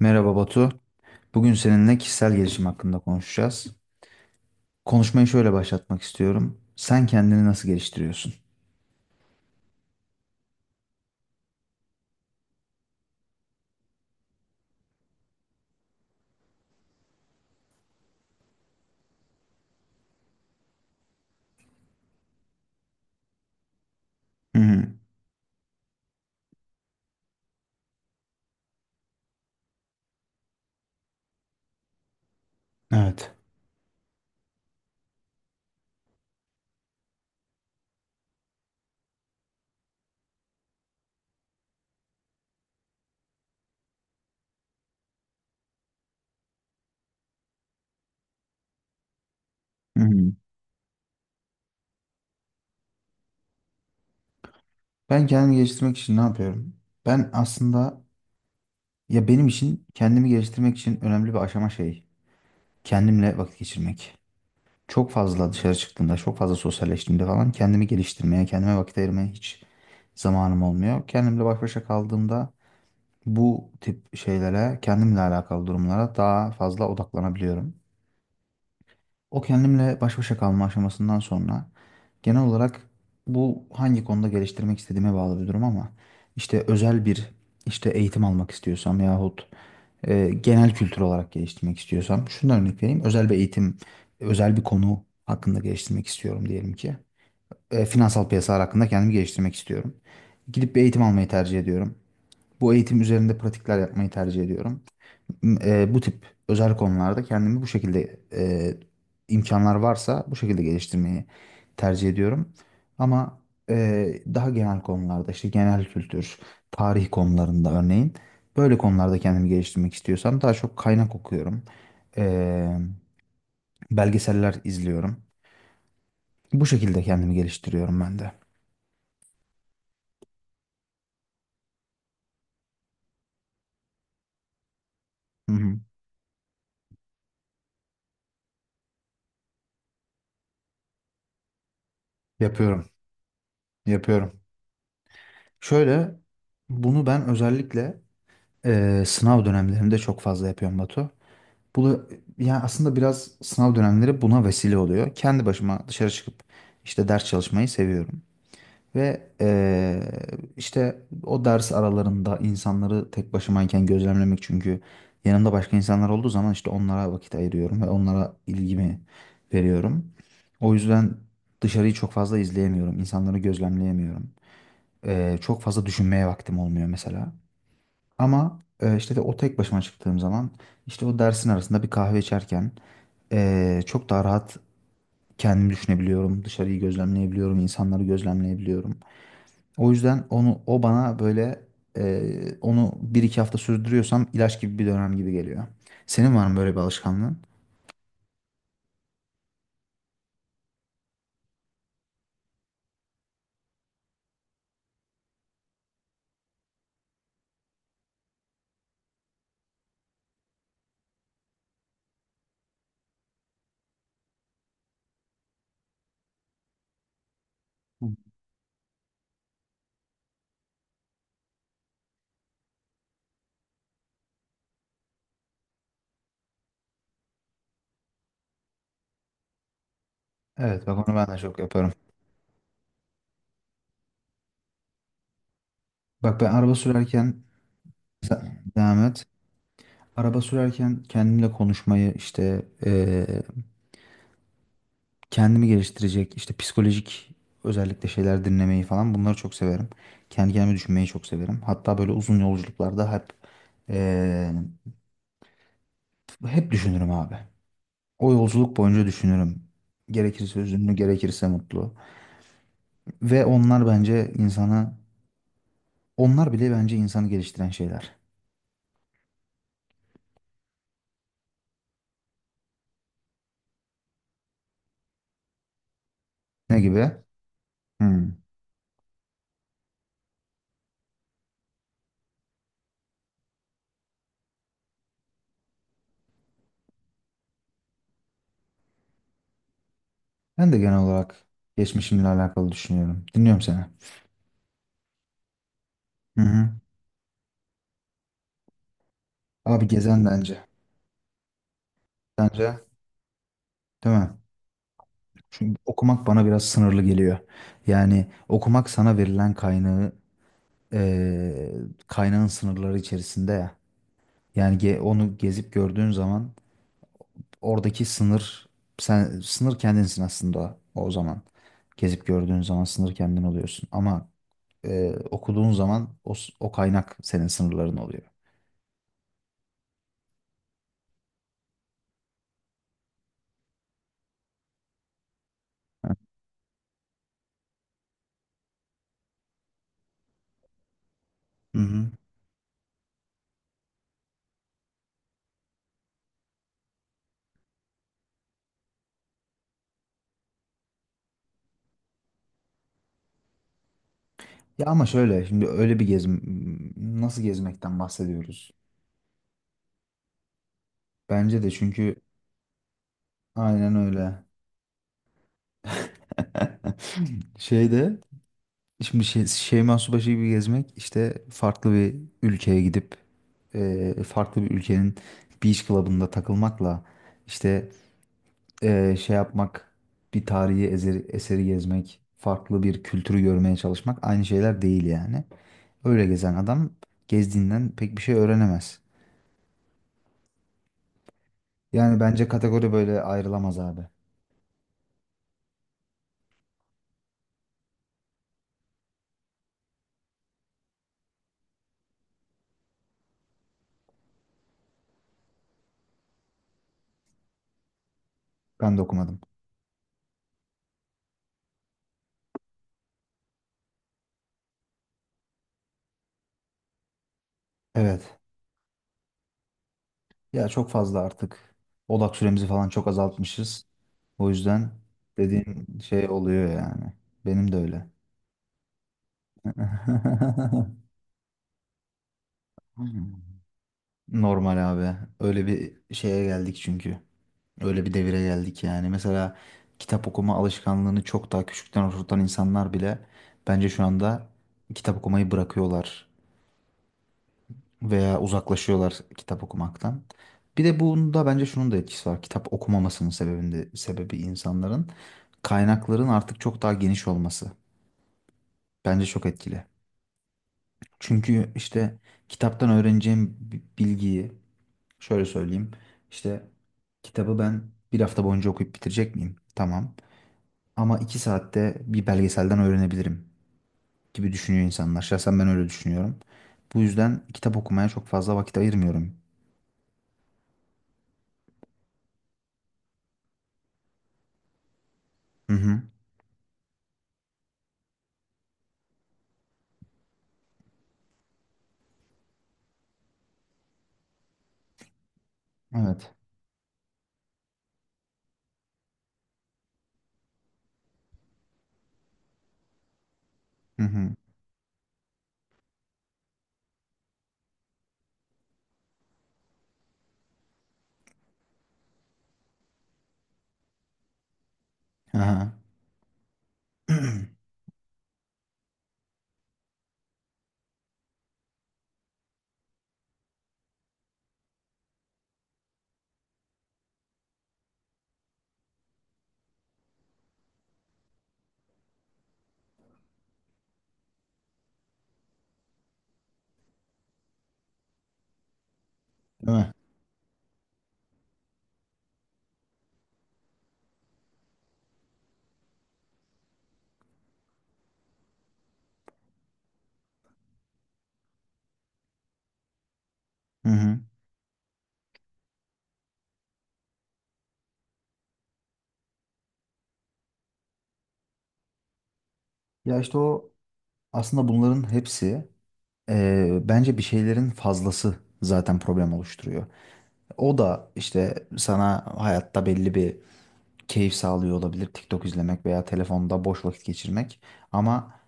Merhaba Batu. Bugün seninle kişisel gelişim hakkında konuşacağız. Konuşmayı şöyle başlatmak istiyorum. Sen kendini nasıl geliştiriyorsun? Hı hı. Evet. Hı hı. Ben kendimi geliştirmek için ne yapıyorum? Ben aslında ya benim için kendimi geliştirmek için önemli bir aşama şey. Kendimle vakit geçirmek. Çok fazla dışarı çıktığımda, çok fazla sosyalleştiğimde falan kendimi geliştirmeye, kendime vakit ayırmaya hiç zamanım olmuyor. Kendimle baş başa kaldığımda bu tip şeylere, kendimle alakalı durumlara daha fazla odaklanabiliyorum. O kendimle baş başa kalma aşamasından sonra genel olarak bu hangi konuda geliştirmek istediğime bağlı bir durum, ama işte özel bir işte eğitim almak istiyorsam yahut genel kültür olarak geliştirmek istiyorsam şundan örnek vereyim. Özel bir eğitim, özel bir konu hakkında geliştirmek istiyorum diyelim ki. Finansal piyasalar hakkında kendimi geliştirmek istiyorum. Gidip bir eğitim almayı tercih ediyorum. Bu eğitim üzerinde pratikler yapmayı tercih ediyorum bu tip özel konularda kendimi bu şekilde imkanlar varsa bu şekilde geliştirmeyi tercih ediyorum. Ama daha genel konularda işte genel kültür, tarih konularında örneğin böyle konularda kendimi geliştirmek istiyorsam daha çok kaynak okuyorum. E, Belgeseller izliyorum. Bu şekilde kendimi geliştiriyorum ben de. Hı hı. Yapıyorum, yapıyorum. Şöyle bunu ben özellikle sınav dönemlerimde çok fazla yapıyorum Batu. Bu yani aslında biraz sınav dönemleri buna vesile oluyor. Kendi başıma dışarı çıkıp işte ders çalışmayı seviyorum. Ve işte o ders aralarında insanları tek başımayken gözlemlemek, çünkü yanımda başka insanlar olduğu zaman işte onlara vakit ayırıyorum ve onlara ilgimi veriyorum. O yüzden dışarıyı çok fazla izleyemiyorum, insanları gözlemleyemiyorum. Çok fazla düşünmeye vaktim olmuyor mesela. Ama işte de o tek başıma çıktığım zaman işte o dersin arasında bir kahve içerken çok daha rahat kendimi düşünebiliyorum. Dışarıyı gözlemleyebiliyorum, insanları gözlemleyebiliyorum. O yüzden onu o bana böyle onu bir iki hafta sürdürüyorsam ilaç gibi bir dönem gibi geliyor. Senin var mı böyle bir alışkanlığın? Hı. Evet, bak onu ben de çok yaparım. Bak ben araba sürerken devam et. Araba sürerken kendimle konuşmayı, işte kendimi geliştirecek işte psikolojik özellikle şeyler dinlemeyi falan, bunları çok severim. Kendi kendime düşünmeyi çok severim. Hatta böyle uzun yolculuklarda hep eee, hep düşünürüm abi. O yolculuk boyunca düşünürüm. Gerekirse üzünlü, gerekirse mutlu. Ve onlar bence insanı, onlar bile bence insanı geliştiren şeyler. Ne gibi? Hmm. Ben de genel olarak geçmişimle alakalı düşünüyorum. Dinliyorum seni. Hı hı. Abi gezen bence. Bence, değil mi? Çünkü okumak bana biraz sınırlı geliyor. Yani okumak sana verilen kaynağı eee, kaynağın sınırları içerisinde ya. Yani onu gezip gördüğün zaman oradaki sınır sen sınır kendinsin aslında o zaman. Gezip gördüğün zaman sınır kendin oluyorsun. Ama okuduğun zaman o, o kaynak senin sınırların oluyor. Hı hı. Ya ama şöyle şimdi öyle bir gezim nasıl gezmekten bahsediyoruz? Bence de, çünkü aynen öyle. Şeyde Şimdi şey, Şeyma Subaşı gibi gezmek işte farklı bir ülkeye gidip farklı bir ülkenin beach club'ında takılmakla işte şey yapmak, bir tarihi eseri, eseri gezmek, farklı bir kültürü görmeye çalışmak aynı şeyler değil yani. Öyle gezen adam gezdiğinden pek bir şey öğrenemez. Yani bence kategori böyle ayrılamaz abi. Ben de okumadım. Evet. Ya çok fazla artık odak süremizi falan çok azaltmışız. O yüzden dediğin şey oluyor yani. Benim de öyle. Normal abi. Öyle bir şeye geldik çünkü. Öyle bir devire geldik yani. Mesela kitap okuma alışkanlığını çok daha küçükten oturtan insanlar bile bence şu anda kitap okumayı bırakıyorlar veya uzaklaşıyorlar kitap okumaktan. Bir de bunda bence şunun da etkisi var. Kitap okumamasının sebebinde, sebebi insanların kaynakların artık çok daha geniş olması. Bence çok etkili. Çünkü işte kitaptan öğreneceğim bilgiyi şöyle söyleyeyim. İşte kitabı ben bir hafta boyunca okuyup bitirecek miyim? Tamam. Ama iki saatte bir belgeselden öğrenebilirim gibi düşünüyor insanlar. Şahsen ben öyle düşünüyorum. Bu yüzden kitap okumaya çok fazla vakit ayırmıyorum. Hı hı. Evet. Hı hı. Aha. Değil mi? Hı hı. Ya işte o aslında bunların hepsi bence bir şeylerin fazlası zaten problem oluşturuyor. O da işte sana hayatta belli bir keyif sağlıyor olabilir TikTok izlemek veya telefonda boş vakit geçirmek. Ama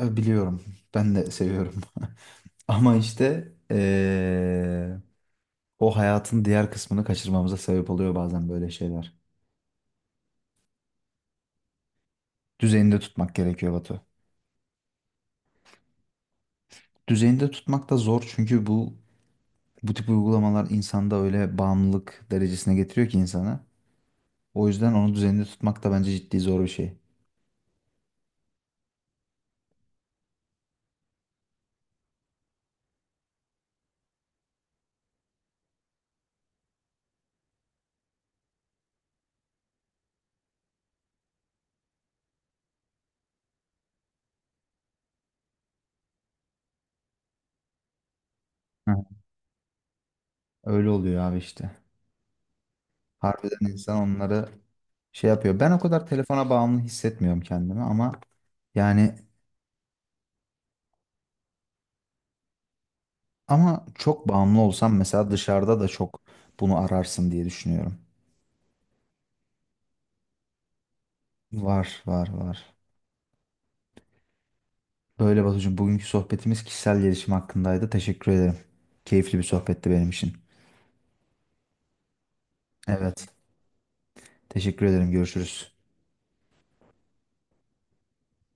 biliyorum, ben de seviyorum. Ama işte o hayatın diğer kısmını kaçırmamıza sebep oluyor bazen böyle şeyler. Düzeninde tutmak gerekiyor Batu. Düzeninde tutmak da zor, çünkü bu tip uygulamalar insanda öyle bağımlılık derecesine getiriyor ki insanı. O yüzden onu düzenli tutmak da bence ciddi zor bir şey. Hı. Öyle oluyor abi işte. Harbiden insan onları şey yapıyor. Ben o kadar telefona bağımlı hissetmiyorum kendimi, ama yani ama çok bağımlı olsam mesela dışarıda da çok bunu ararsın diye düşünüyorum. Var, var, var. Böyle Batucuğum, bugünkü sohbetimiz kişisel gelişim hakkındaydı. Teşekkür ederim. Keyifli bir sohbetti benim için. Evet. Teşekkür ederim. Görüşürüz.